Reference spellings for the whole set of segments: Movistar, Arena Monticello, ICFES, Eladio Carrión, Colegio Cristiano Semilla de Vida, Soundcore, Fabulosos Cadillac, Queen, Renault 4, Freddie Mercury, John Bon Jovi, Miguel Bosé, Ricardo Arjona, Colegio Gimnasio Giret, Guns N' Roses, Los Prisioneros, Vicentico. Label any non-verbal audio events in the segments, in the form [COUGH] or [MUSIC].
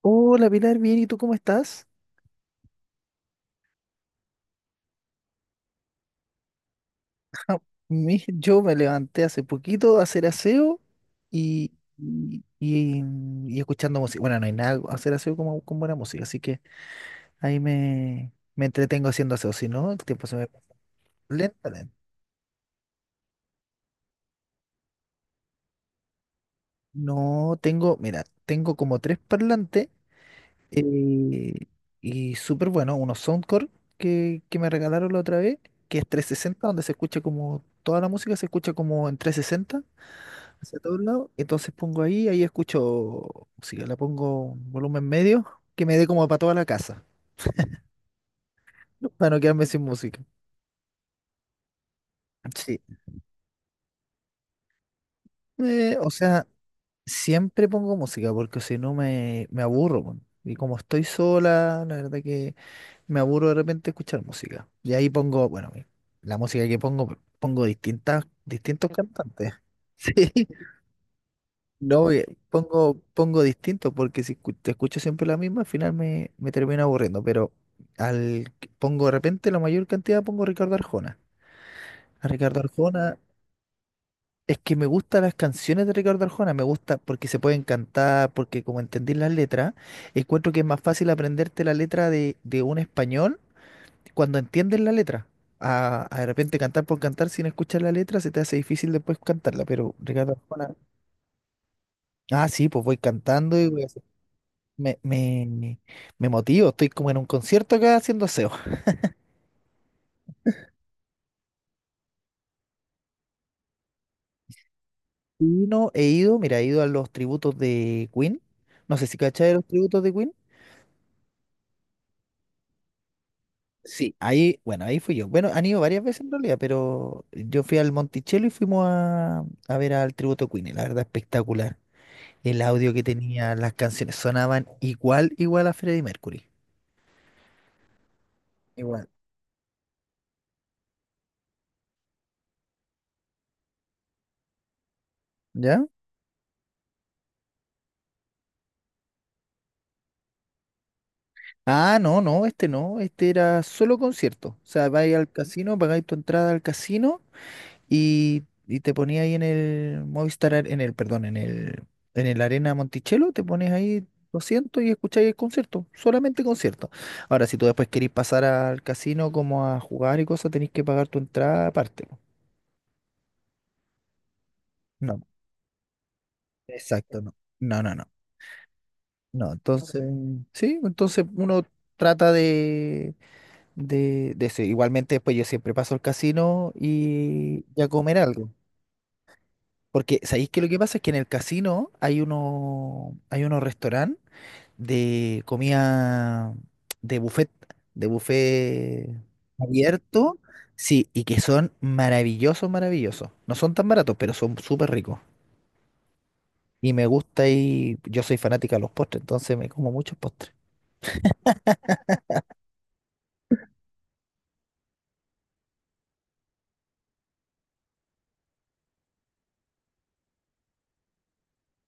Hola Pilar, bien, ¿y tú cómo estás? [LAUGHS] Yo me levanté hace poquito a hacer aseo y, y, y- y escuchando música. Bueno, no hay nada, hacer aseo como, con buena música, así que ahí me entretengo haciendo aseo, si no, el tiempo se me pasa lentamente. No tengo, mira, tengo como tres parlantes eh, y súper bueno, unos Soundcore que me regalaron la otra vez, que es 360, donde se escucha como, toda la música se escucha como en 360, hacia todos lados. Entonces pongo ahí, ahí escucho música, la pongo en volumen medio, que me dé como para toda la casa, para no quedarme sin música. Sí. O sea, siempre pongo música porque si no me aburro, po. Y como estoy sola, la verdad que me aburro de repente escuchar música. Y ahí pongo, bueno, la música que pongo, pongo distintos cantantes. [LAUGHS] Sí. No, pongo, pongo distinto porque si escu- te escucho siempre la misma, al final me termina aburriendo, pero al que pongo de repente la mayor cantidad pongo Ricardo Arjona. A Ricardo Arjona, es que me gustan las canciones de Ricardo Arjona, me gusta porque se pueden cantar, porque como entendí las letras, encuentro que es más fácil aprenderte la letra de un español cuando entiendes la letra. A de repente cantar por cantar sin escuchar la letra se te hace difícil después cantarla, pero Ricardo Arjona, ah sí, pues voy cantando y voy. Me, me, me motivo, estoy como en un concierto acá haciendo aseo. Y no he ido, mira, he ido a los tributos de Queen. No sé si cachai de los tributos de Queen. Sí, ahí, bueno, ahí fui yo. Bueno, han ido varias veces en realidad, pero yo fui al Monticello y fuimos a ver al tributo Queen. Y la verdad, espectacular. El audio que tenía, las canciones sonaban igual, igual a Freddie Mercury. Igual. ¿Ya? Ah, no, no, este no, este era solo concierto. O sea, vais al casino, pagáis tu entrada al casino y te ponías ahí en el Movistar, Ar- en el, perdón, en el Arena Monticello, te pones ahí 200 y escucháis el concierto, solamente concierto. Ahora, si tú después querés pasar al casino como a jugar y cosas, tenés que pagar tu entrada aparte, po. No, exacto, no. No, no, no. No, entonces, sí, entonces uno trata de eso. Igualmente después yo siempre paso al casino y a comer algo. Porque, ¿sabéis que lo que pasa es que en el casino hay uno, hay unos restaurantes de comida de buffet, de buffet abierto, sí, y que son maravillosos, maravillosos. No son tan baratos, pero son súper ricos. Y me gusta y yo soy fanática de los postres, entonces me como muchos postres.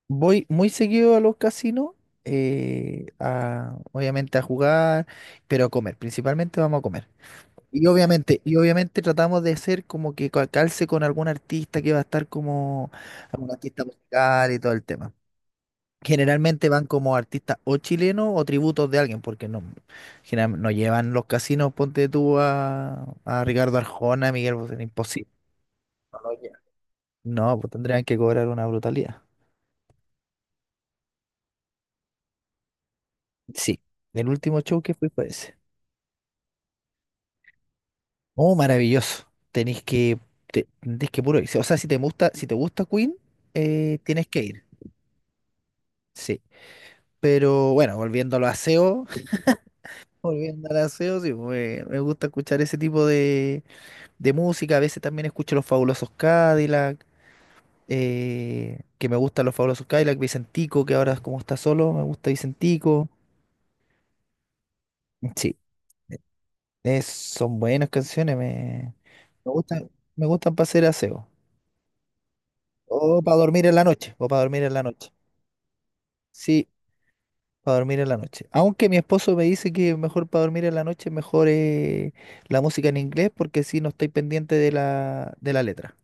Voy muy seguido a los casinos, obviamente a jugar, pero a comer. Principalmente vamos a comer. Y obviamente tratamos de hacer como que calce con algún artista que va a estar como algún artista musical y todo el tema. Generalmente van como artistas o chilenos o tributos de alguien, porque no, no llevan los casinos, ponte tú a Ricardo Arjona, a Miguel Bosé, imposible. No, lo llevan. No, pues tendrían que cobrar una brutalidad. Sí, el último show que fui fue ese. Oh, maravilloso. Tenéis que, tenés que puro ir. O sea, si te gusta, si te gusta Queen, tienes que ir. Sí. Pero bueno, volviendo a los aseos, [LAUGHS] volviendo al aseo, sí, me gusta escuchar ese tipo de música. A veces también escucho los Fabulosos Cadillac, que me gustan los Fabulosos Cadillac, Vicentico, que ahora como está solo, me gusta Vicentico. Sí, e, son buenas canciones, me gustan, me gustan para hacer aseo. O para dormir en la noche, o para dormir en la noche. Sí. Para dormir en la noche. Aunque mi esposo me dice que mejor para dormir en la noche, mejor la música en inglés, porque si no estoy pendiente de de la letra.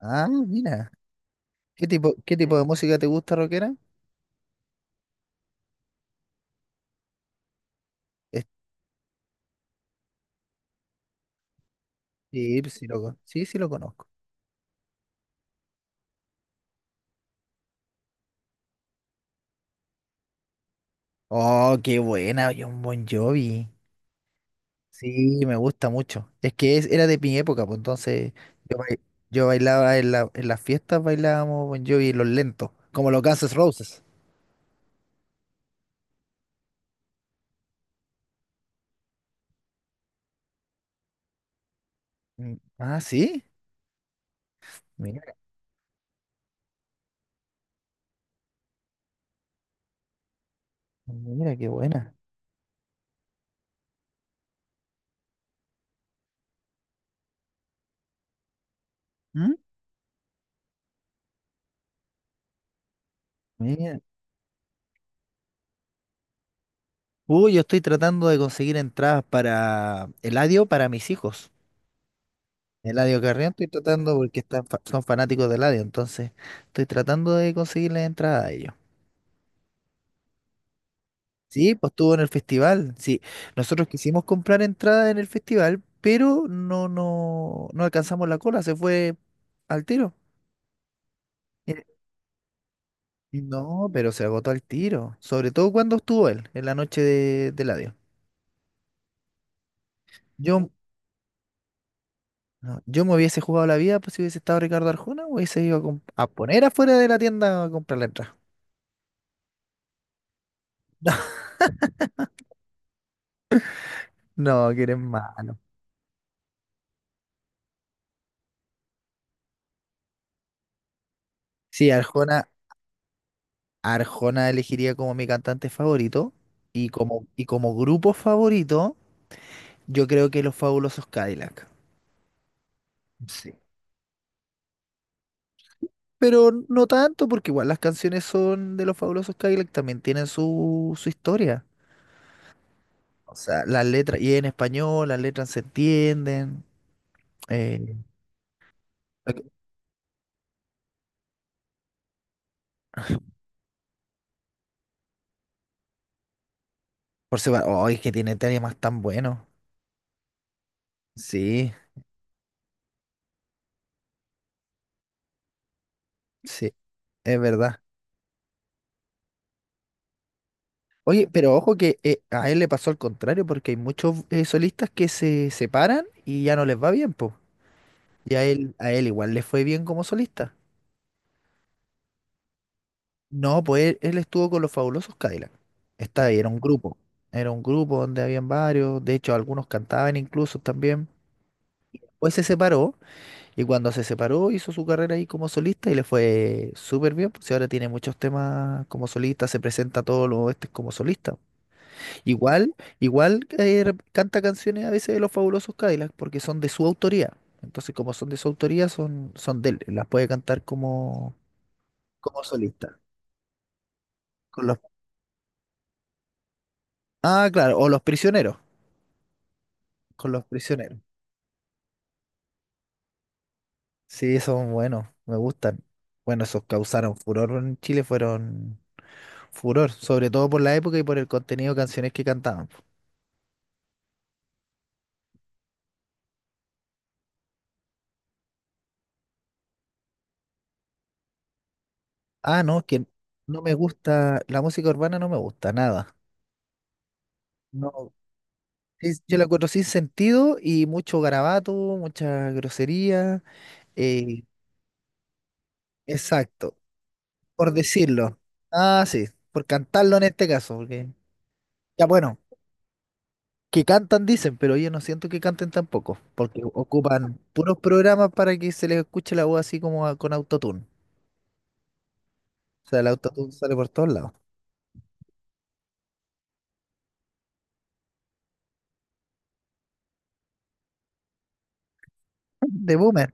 Ah, mira. Qué tipo de música te gusta, rockera? Es- Sí, sí, sí lo conozco. Oh, qué buena, John Bon Jovi. Sí, me gusta mucho. Es que era de mi época, pues entonces yo, bai- yo bailaba en las fiestas, bailábamos Bon Jovi los lentos, como los Guns N' Roses. Mm, ah, sí. Mira, mira qué buena. Mira. Uy, yo estoy tratando de conseguir entradas para Eladio para mis hijos. Eladio Carrión estoy tratando porque son fanáticos de Eladio, entonces estoy tratando de conseguirles entradas a ellos. Sí, pues estuvo en el festival. Sí, nosotros quisimos comprar entradas en el festival, pero no, no, no alcanzamos la cola, se fue al tiro. Eh, No, pero se agotó al tiro, sobre todo cuando estuvo él, en la noche de Eladio. Yo, No, yo me hubiese jugado la vida, pues si hubiese estado Ricardo Arjona, hubiese ido a poner afuera de la tienda a comprar la entrada. [LAUGHS] No, que eres malo. Sí, Arjona, Arjona elegiría como mi cantante favorito y como grupo favorito, yo creo que Los Fabulosos Cadillac. Sí. Pero no tanto, porque igual las canciones son de Los Fabulosos Cadillac, también tienen su, su historia. O sea, las letras, y en español, las letras se entienden. Eh, por separado, oh, es que tiene temas tan buenos. Sí, sí, es verdad. Oye, pero ojo que a él le pasó al contrario, porque hay muchos solistas que se separan y ya no les va bien, pues. Y a él igual le fue bien como solista. No, pues él estuvo con los Fabulosos Cadillacs. Está ahí, era un grupo. Era un grupo donde habían varios, de hecho algunos cantaban incluso también. Pues se separó y cuando se separó hizo su carrera ahí como solista y le fue súper bien, pues y ahora tiene muchos temas como solista, se presenta a todos los este como solista. Igual, igual canta canciones a veces de los Fabulosos Cadillacs porque son de su autoría. Entonces, como son de su autoría, son, son de él. Las puede cantar como, como solista. Con los, ah, claro, o Los Prisioneros. Con Los Prisioneros. Sí, son buenos, me gustan. Bueno, esos causaron furor en Chile, fueron furor, sobre todo por la época y por el contenido de canciones que cantaban. Ah, no, que no me gusta, la música urbana no me gusta nada. No, sí, yo la encuentro sin sentido y mucho garabato, mucha grosería. eh, exacto, por decirlo. Ah, sí, por cantarlo en este caso, porque ya bueno, que cantan dicen, pero yo no siento que canten tampoco, porque ocupan puros programas para que se les escuche la voz así como con autotune. O sea, el autotune sale por todos lados. De boomer,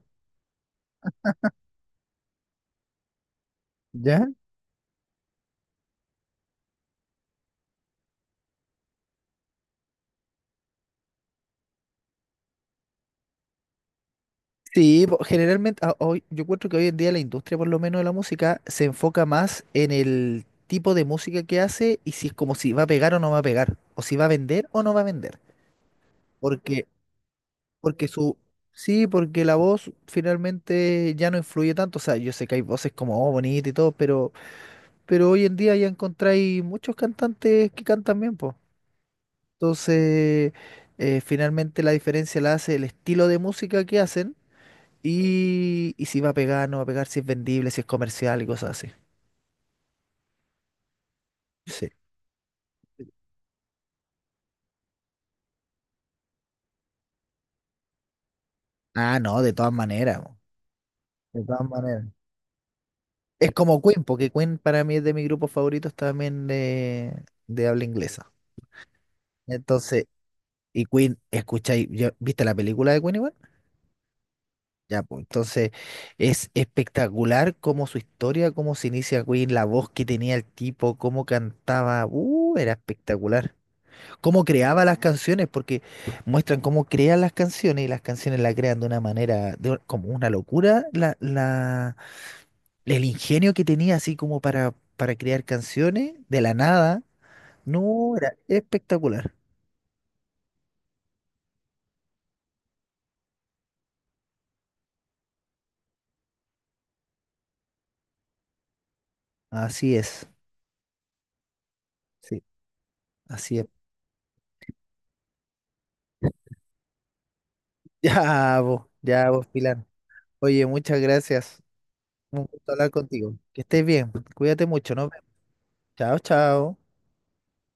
¿ya? Sí, hoy, yo encuentro que hoy en día la industria, por lo menos de la música, se enfoca más en el tipo de música que hace y si es como si va a pegar o no va a pegar, o si va a vender o no va a vender. Porque, porque su, sí, porque la voz finalmente ya no influye tanto. O sea, yo sé que hay voces como oh, bonita y todo, pero hoy en día ya encontráis muchos cantantes que cantan bien, pues. Entonces, finalmente la diferencia la hace el estilo de música que hacen. Y si va a pegar, no va a pegar, si es vendible, si es comercial y cosas así. Sí. Ah, no, de todas maneras, po. De todas maneras. Es como Queen, porque Queen para mí es de mis grupos favoritos también de habla inglesa. Entonces, y Queen, escucháis, ¿viste la película de Queen igual? Ya, pues entonces es espectacular como su historia, cómo se inicia Queen, la voz que tenía el tipo, cómo cantaba. Era espectacular. Cómo creaba las canciones, porque muestran cómo crean las canciones y las canciones las crean de una manera, como una locura, el ingenio que tenía así como para crear canciones de la nada, no, era espectacular. Así es, sí, así es. [LAUGHS] Ya vos, Pilar. Oye, muchas gracias. Un gusto hablar contigo. Que estés bien, cuídate mucho, nos vemos. Chao, chao.